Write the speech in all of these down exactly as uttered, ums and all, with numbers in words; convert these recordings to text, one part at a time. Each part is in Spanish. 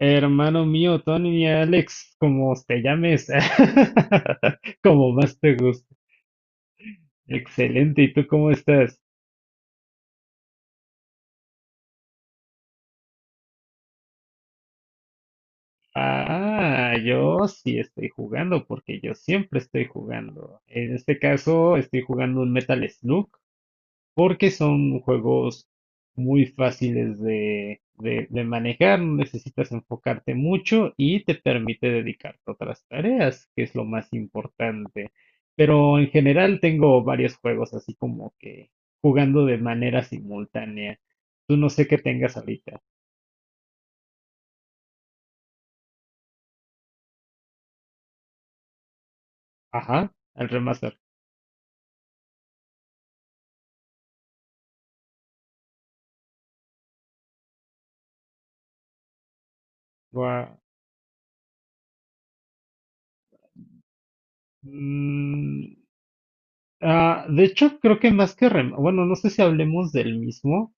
Hermano mío, Tony, Alex, como te llames, como más te guste. Excelente, ¿y tú cómo estás? Ah, yo sí estoy jugando porque yo siempre estoy jugando. En este caso estoy jugando un Metal Slug, porque son juegos muy fáciles de, de, de manejar, no necesitas enfocarte mucho y te permite dedicarte a otras tareas, que es lo más importante. Pero en general tengo varios juegos así como que jugando de manera simultánea. Tú no sé qué tengas ahorita. Ajá, el remaster. Gua- Mm, ah, de hecho, creo que más que rem, bueno, no sé si hablemos del mismo.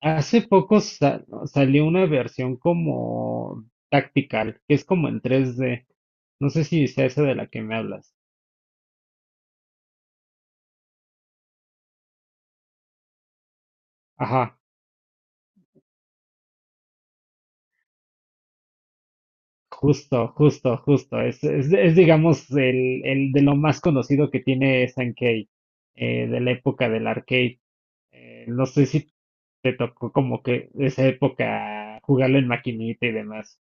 Hace poco sa- salió una versión como tactical, que es como en tres D. No sé si sea esa de la que me hablas. Ajá, justo, justo, justo. Es, es, es, digamos, el, el de lo más conocido que tiene Sankey, eh, de la época del arcade. Eh, no sé si te tocó como que esa época jugarlo en maquinita y demás.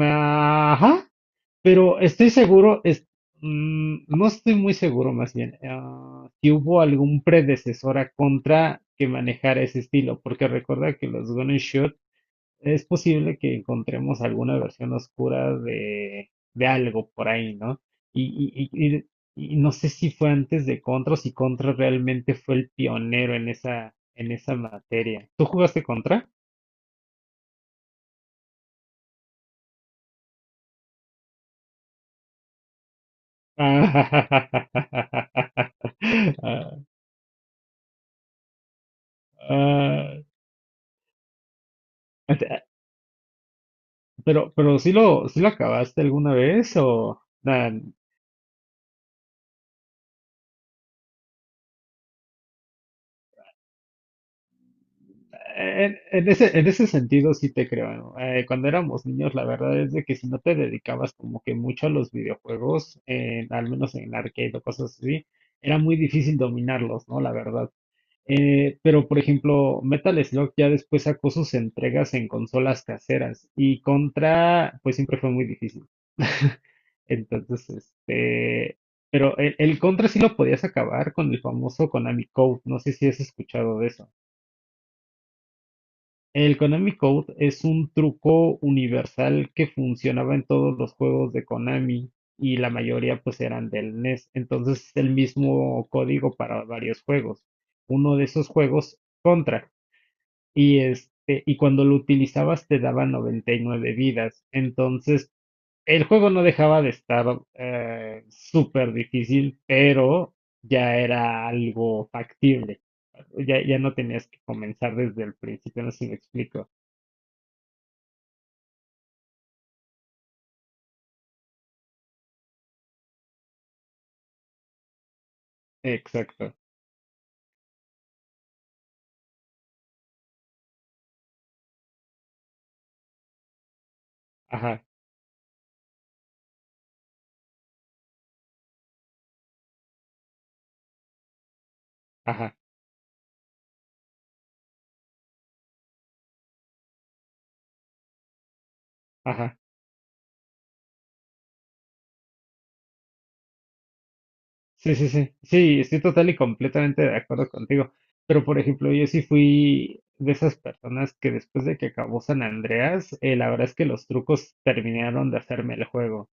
Ajá, pero estoy seguro, es- mm, no estoy muy seguro más bien, ah, si hubo algún predecesor a Contra que manejara ese estilo, porque recuerda que los Gun Shot, es posible que encontremos alguna versión oscura de, de algo por ahí, ¿no? Y, y- y- y- y no sé si fue antes de Contra o si Contra realmente fue el pionero en esa, en esa materia. ¿Tú jugaste Contra? Ah, ah, ah, ah, ah, ah. Pero, pero sí lo, sí lo acabaste alguna vez o nah, en, en ese, en ese sentido sí te creo, ¿no? Eh, cuando éramos niños, la verdad es de que si no te dedicabas como que mucho a los videojuegos, en- al menos en arcade o cosas así, era muy difícil dominarlos, ¿no? La verdad. Eh, pero por ejemplo, Metal Slug ya después sacó sus entregas en consolas caseras y Contra, pues siempre fue muy difícil. Entonces, este, pero el, el Contra sí lo podías acabar con el famoso Konami Code. No sé si has escuchado de eso. El Konami Code es un truco universal que funcionaba en todos los juegos de Konami y la mayoría pues eran del N E S. Entonces, es el mismo código para varios juegos. Uno de esos juegos, Contra. Y este, y cuando lo utilizabas te daba noventa y nueve vidas. Entonces, el juego no dejaba de estar eh, súper difícil, pero ya era algo factible. Ya, ya no tenías que comenzar desde el principio, no sé si me explico. Exacto. Ajá, ajá, ajá. Sí, sí, sí, sí, estoy total y completamente de acuerdo contigo. Pero, por ejemplo, yo sí fui de esas personas que después de que acabó San Andreas, eh, la verdad es que los trucos terminaron de hacerme el juego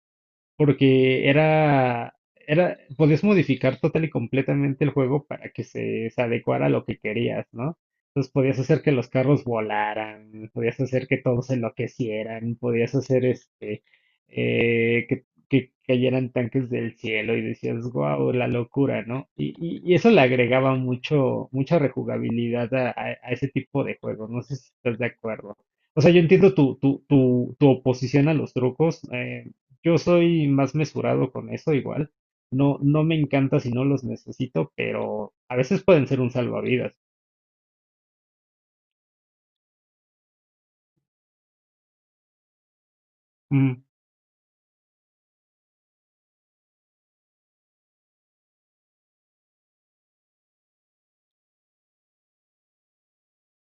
porque era, era, podías modificar total y completamente el juego para que se, se adecuara a lo que querías, ¿no? Entonces podías hacer que los carros volaran, podías hacer que todos enloquecieran, podías hacer este, eh, que, que cayeran tanques del cielo y decías, wow, la locura, ¿no? Y, y, y eso le agregaba mucho, mucha rejugabilidad a, a- a ese tipo de juegos, no sé si estás de acuerdo. O sea, yo entiendo tu, tu, tu, tu oposición a los trucos, eh, yo soy más mesurado con eso igual. No, no me encanta si no los necesito, pero a veces pueden ser un salvavidas. Mm,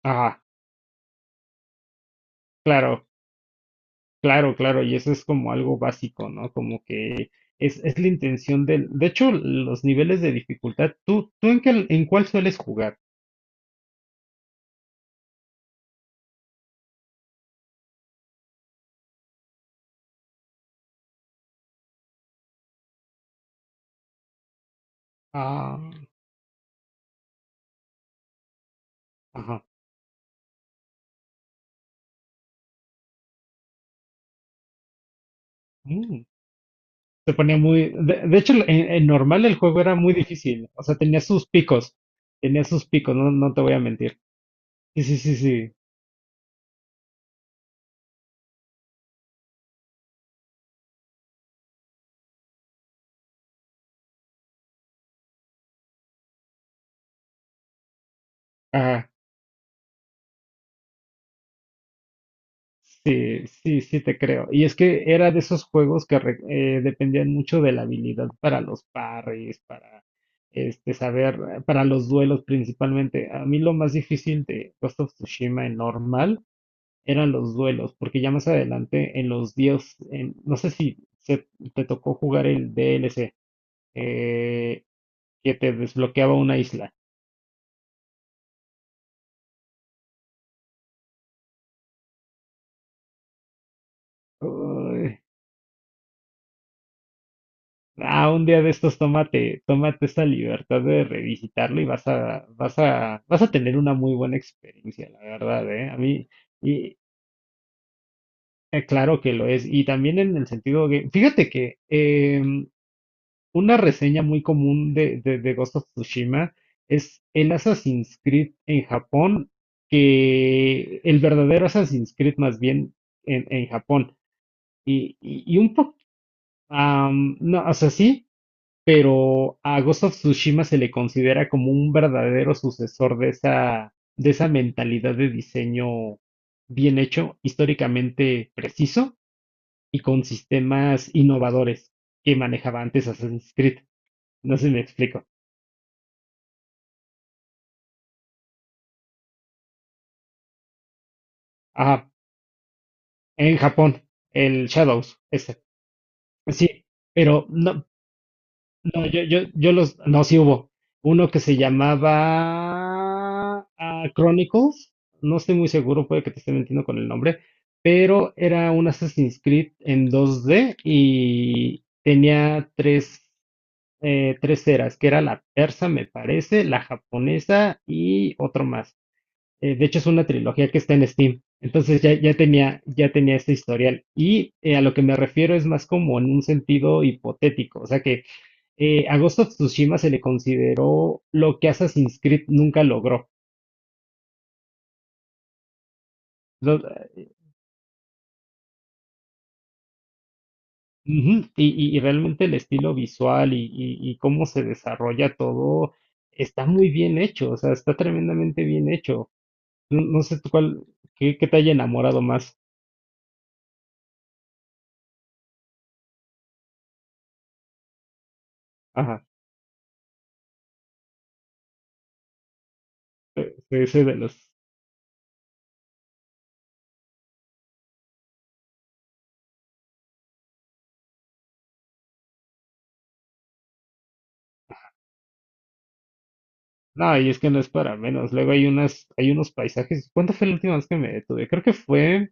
ah, claro, claro, claro. Y eso es como algo básico, ¿no? Como que es, es la intención del... De hecho, los niveles de dificultad, ¿tú, tú en qué, en cuál sueles jugar? Ah, ajá. mm, Se ponía muy... De, de hecho, en, en normal el juego era muy difícil. O sea, tenía sus picos. Tenía sus picos, no, no te voy a mentir. Sí, sí, sí, sí. Sí, sí, sí te creo. Y es que era de esos juegos que re- eh, dependían mucho de la habilidad para los parries, para este saber, eh, para los duelos principalmente. A mí lo más difícil de Ghost of Tsushima en normal eran los duelos, porque ya más adelante en los dios, en- no sé si se- te tocó jugar el D L C, eh, que te desbloqueaba una isla. Ah, un día de estos tómate, tómate esta libertad de revisitarlo y vas a, vas a, vas a tener una muy buena experiencia, la verdad, ¿eh? A mí, y eh, claro que lo es. Y también en el sentido que, fíjate que em, una reseña muy común de, de, de Ghost of Tsushima es el Assassin's Creed en Japón, que el verdadero Assassin's Creed más bien en, en Japón. Y, y, y un poco, no, o sea, sí, pero a Ghost of Tsushima se le considera como un verdadero sucesor de esa, de esa mentalidad de diseño bien hecho, históricamente preciso y con sistemas innovadores que manejaba antes Assassin's Creed. No sé si me explico. Ajá, en Japón, el Shadows, ese. Sí, pero no, no, yo, yo, yo los, no, sí hubo. Uno que se llamaba ah, Chronicles, no estoy muy seguro, puede que te esté mintiendo con el nombre, pero era un Assassin's Creed en dos D y tenía tres, eh, tres eras, que era la persa, me parece, la japonesa y otro más. Eh, de hecho, es una trilogía que está en Steam. Entonces ya, ya tenía, ya tenía este historial. Y eh, a lo que me refiero es más como en un sentido hipotético. O sea que eh, a Ghost of Tsushima se le consideró lo que Assassin's Creed nunca logró. Lo- Ujú, y, y- y realmente el estilo visual y, y- y cómo se desarrolla todo está muy bien hecho, o sea, está tremendamente bien hecho. No, no sé tú cuál, qué, qué te haya enamorado más. Ajá, e- ese de los... No, y es que no es para menos. Luego hay unas, hay unos paisajes. ¿Cuándo fue la última vez que me detuve? Creo que fue...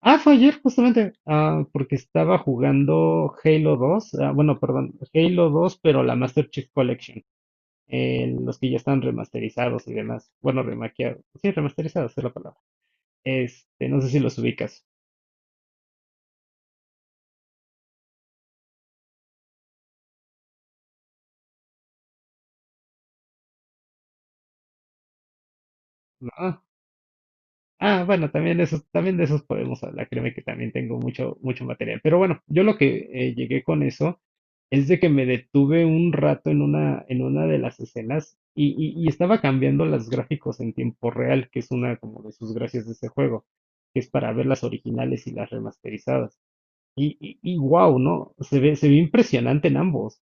Ah, fue ayer justamente, ah, porque estaba jugando Halo dos, ah, bueno, perdón, Halo dos, pero la Master Chief Collection, eh, los que ya están remasterizados y demás, bueno, remaqueados, sí, remasterizados es la palabra, este, no sé si los ubicas, ¿no? Ah, bueno, también de esos, también de esos podemos hablar. Créeme que también tengo mucho, mucho material. Pero bueno, yo lo que eh, llegué con eso es de que me detuve un rato en una, en una de las escenas y, y- y estaba cambiando los gráficos en tiempo real, que es una como de sus gracias de ese juego, que es para ver las originales y las remasterizadas. Y, y, wow, ¿no? Se ve, se ve impresionante en ambos.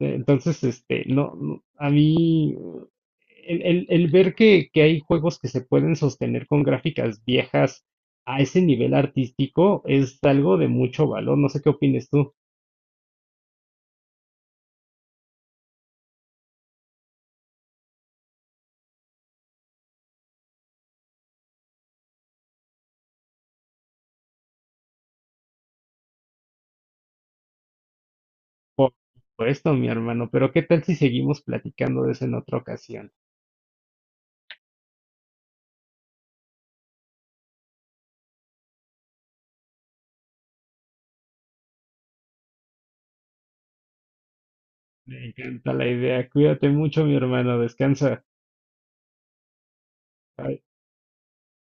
Eh, Entonces, este, no, no, a mí, el, el- el ver que, que hay juegos que se pueden sostener con gráficas viejas a ese nivel artístico es algo de mucho valor. No sé qué opines tú. Por supuesto, mi hermano, pero ¿qué tal si seguimos platicando de eso en otra ocasión? Me encanta la idea. Cuídate mucho, mi hermano. Descansa.